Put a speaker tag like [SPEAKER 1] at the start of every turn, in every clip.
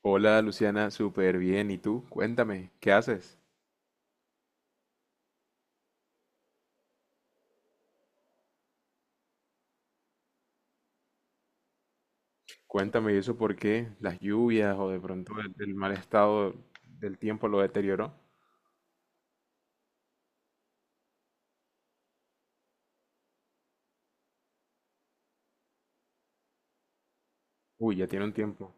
[SPEAKER 1] Hola Luciana, súper bien. ¿Y tú? Cuéntame, ¿qué haces? Cuéntame, ¿y eso por qué? ¿Las lluvias o de pronto el mal estado del tiempo lo deterioró? Uy, ya tiene un tiempo.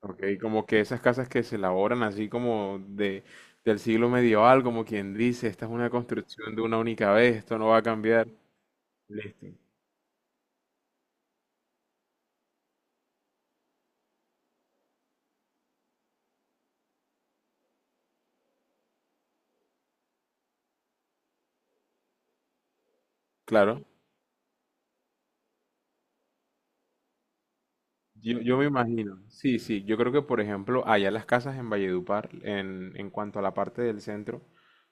[SPEAKER 1] Ok, como que esas casas que se elaboran así como del siglo medieval, como quien dice, esta es una construcción de una única vez, esto no va a cambiar. Listo. Claro. Yo me imagino, sí, sí, yo creo que por ejemplo allá las casas en Valledupar, en cuanto a la parte del centro,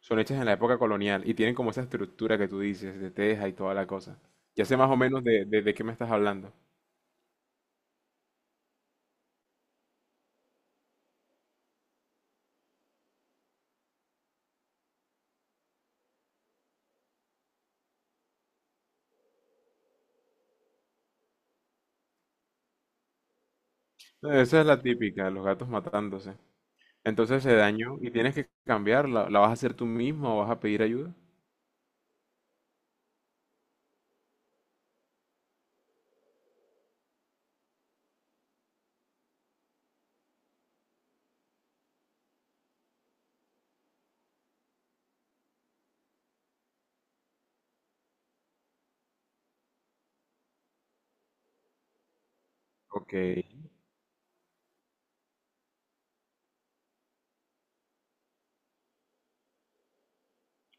[SPEAKER 1] son hechas en la época colonial y tienen como esa estructura que tú dices, de teja y toda la cosa. Ya sé más o menos de qué me estás hablando. No, esa es la típica, los gatos matándose. Entonces se dañó y tienes que cambiarla, ¿la vas a hacer tú mismo o vas a pedir ayuda? Ok.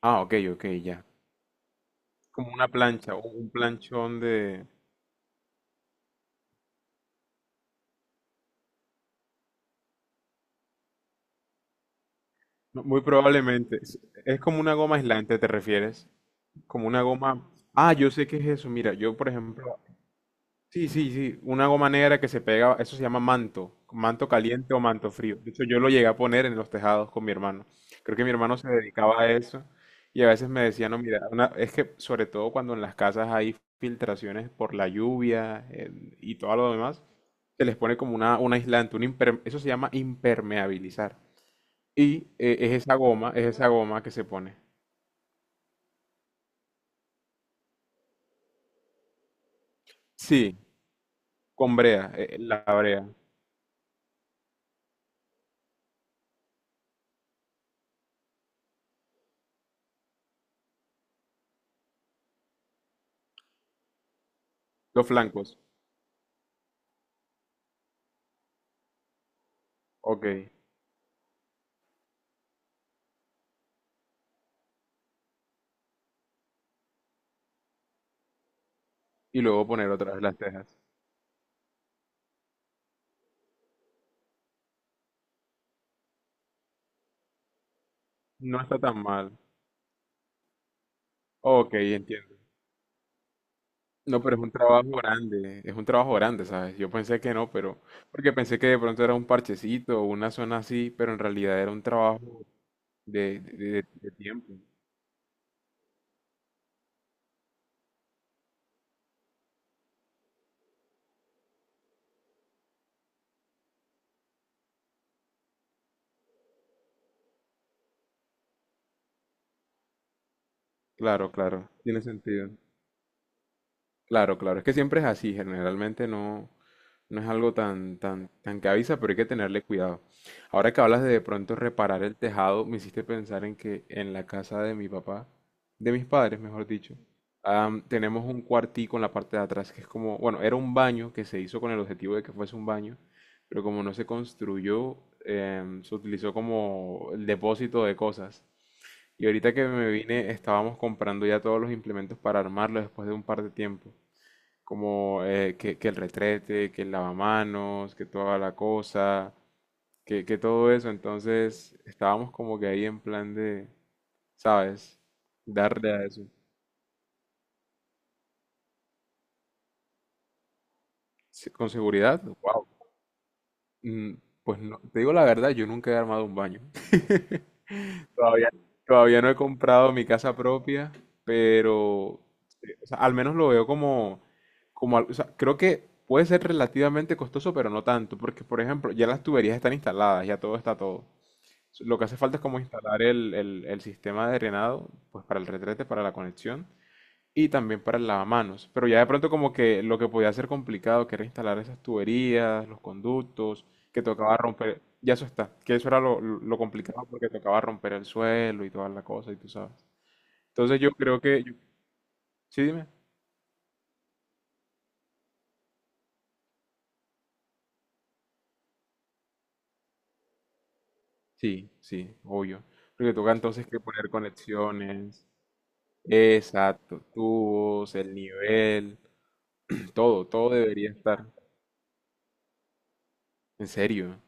[SPEAKER 1] Ah, ok, ok, ya. Como una plancha o un planchón de... No, muy probablemente. Es como una goma aislante, ¿te refieres? Como una goma. Ah, yo sé qué es eso. Mira, yo por ejemplo. Sí, sí, sí. Una goma negra que se pega. Eso se llama manto. Manto caliente o manto frío. De hecho, yo lo llegué a poner en los tejados con mi hermano. Creo que mi hermano se dedicaba a eso. Y a veces me decía, no, mira, es que sobre todo cuando en las casas hay filtraciones por la lluvia y todo lo demás, se les pone como una, un aislante. Eso se llama impermeabilizar. Y es esa goma que se pone. Sí, con brea, la brea. Los flancos. Ok. Y luego poner otra vez las cejas. No está tan mal. Ok, entiendo. No, pero es un trabajo grande. Es un trabajo grande, ¿sabes? Yo pensé que no, pero... Porque pensé que de pronto era un parchecito o una zona así, pero en realidad era un trabajo de tiempo. Claro, claro. Tiene sentido. Claro, claro, es que siempre es así, generalmente no, no es algo tan que avisa, pero hay que tenerle cuidado. Ahora que hablas de pronto reparar el tejado, me hiciste pensar en que en la casa de mi papá, de mis padres, mejor dicho, tenemos un cuartico en la parte de atrás que es como, bueno, era un baño que se hizo con el objetivo de que fuese un baño, pero como no se construyó, se utilizó como el depósito de cosas. Y ahorita que me vine, estábamos comprando ya todos los implementos para armarlo después de un par de tiempo como que el retrete, que el lavamanos, que toda la cosa, que todo eso. Entonces estábamos como que ahí en plan de, ¿sabes? Darle a eso. Sí, con seguridad, wow. Pues no, te digo la verdad, yo nunca he armado un baño. Todavía, todavía no he comprado mi casa propia, pero o sea, al menos lo veo como, como, o sea, creo que puede ser relativamente costoso, pero no tanto, porque por ejemplo, ya las tuberías están instaladas, ya todo está todo. Lo que hace falta es como instalar el sistema de drenado, pues para el retrete, para la conexión y también para el lavamanos. Pero ya de pronto como que lo que podía ser complicado, que era instalar esas tuberías, los conductos, que tocaba romper, ya eso está, que eso era lo complicado porque tocaba romper el suelo y toda la cosa y tú sabes. Entonces yo creo que, yo- sí, dime. Sí, sí, obvio. Porque toca entonces que poner conexiones, exacto, tubos, el nivel, todo, todo debería estar. En serio.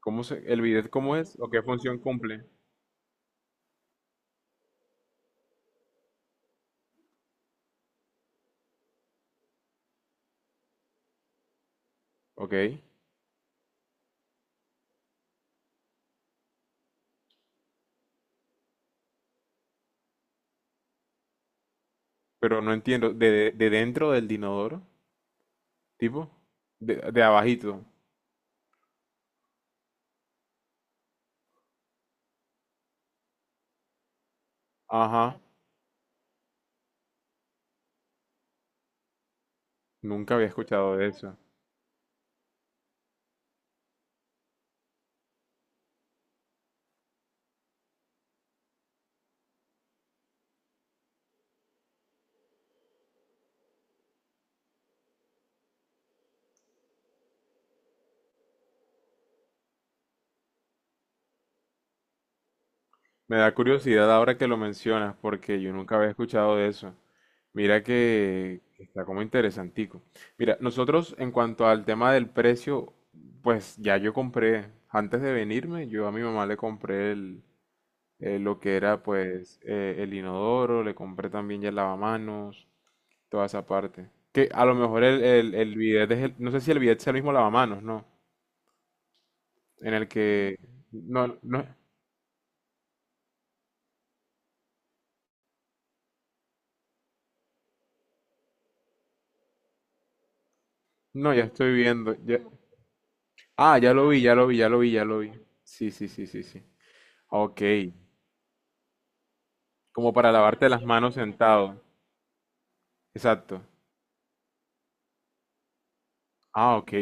[SPEAKER 1] ¿Cómo se, el bidet cómo es o qué función cumple? Ok, pero no entiendo. Dentro del inodoro? ¿Tipo? De abajito. Ajá, nunca había escuchado de eso. Me da curiosidad ahora que lo mencionas porque yo nunca había escuchado de eso. Mira que está como interesantico. Mira, nosotros en cuanto al tema del precio, pues ya yo compré, antes de venirme, yo a mi mamá le compré el, lo que era el inodoro, le compré también ya el lavamanos, toda esa parte. Que a lo mejor el bidet es no sé si el bidet es el mismo lavamanos, ¿no? En el que... No, no, no, ya estoy viendo. Ya- Ah, ya lo vi, ya lo vi, ya lo vi, ya lo vi. Sí, sí, sí, sí, sí. Ok. Como para lavarte las manos sentado. Exacto. Ah, ok.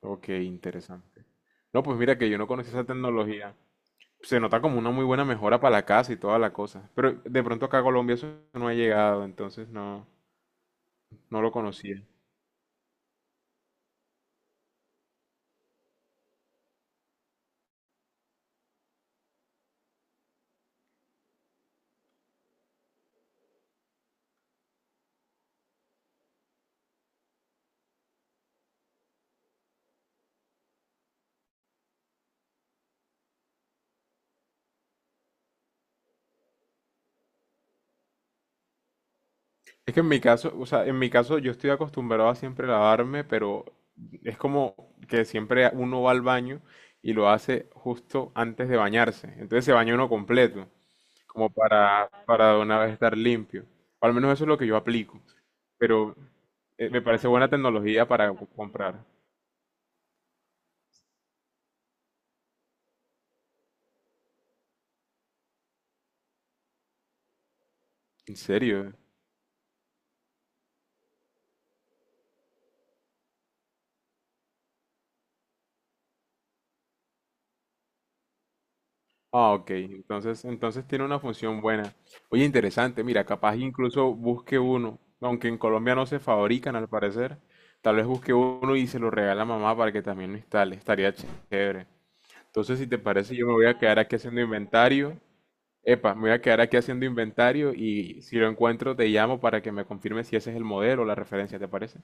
[SPEAKER 1] Ok, interesante. No, pues mira que yo no conocía esa tecnología. Se nota como una muy buena mejora para la casa y toda la cosa. Pero de pronto acá a Colombia eso no ha llegado, entonces no, no lo conocía. Es que en mi caso, o sea, en mi caso yo estoy acostumbrado a siempre lavarme, pero es como que siempre uno va al baño y lo hace justo antes de bañarse. Entonces se baña uno completo, como para de una vez estar limpio. O al menos eso es lo que yo aplico. Pero me parece buena tecnología para co- comprar. ¿En serio? Ah, ok. Entonces, entonces tiene una función buena. Oye, interesante. Mira, capaz incluso busque uno, aunque en Colombia no se fabrican al parecer. Tal vez busque uno y se lo regala a mamá para que también lo instale. Estaría chévere. Entonces, si te parece, yo me voy a quedar aquí haciendo inventario. Epa, me voy a quedar aquí haciendo inventario y si lo encuentro te llamo para que me confirme si ese es el modelo o la referencia, ¿te parece?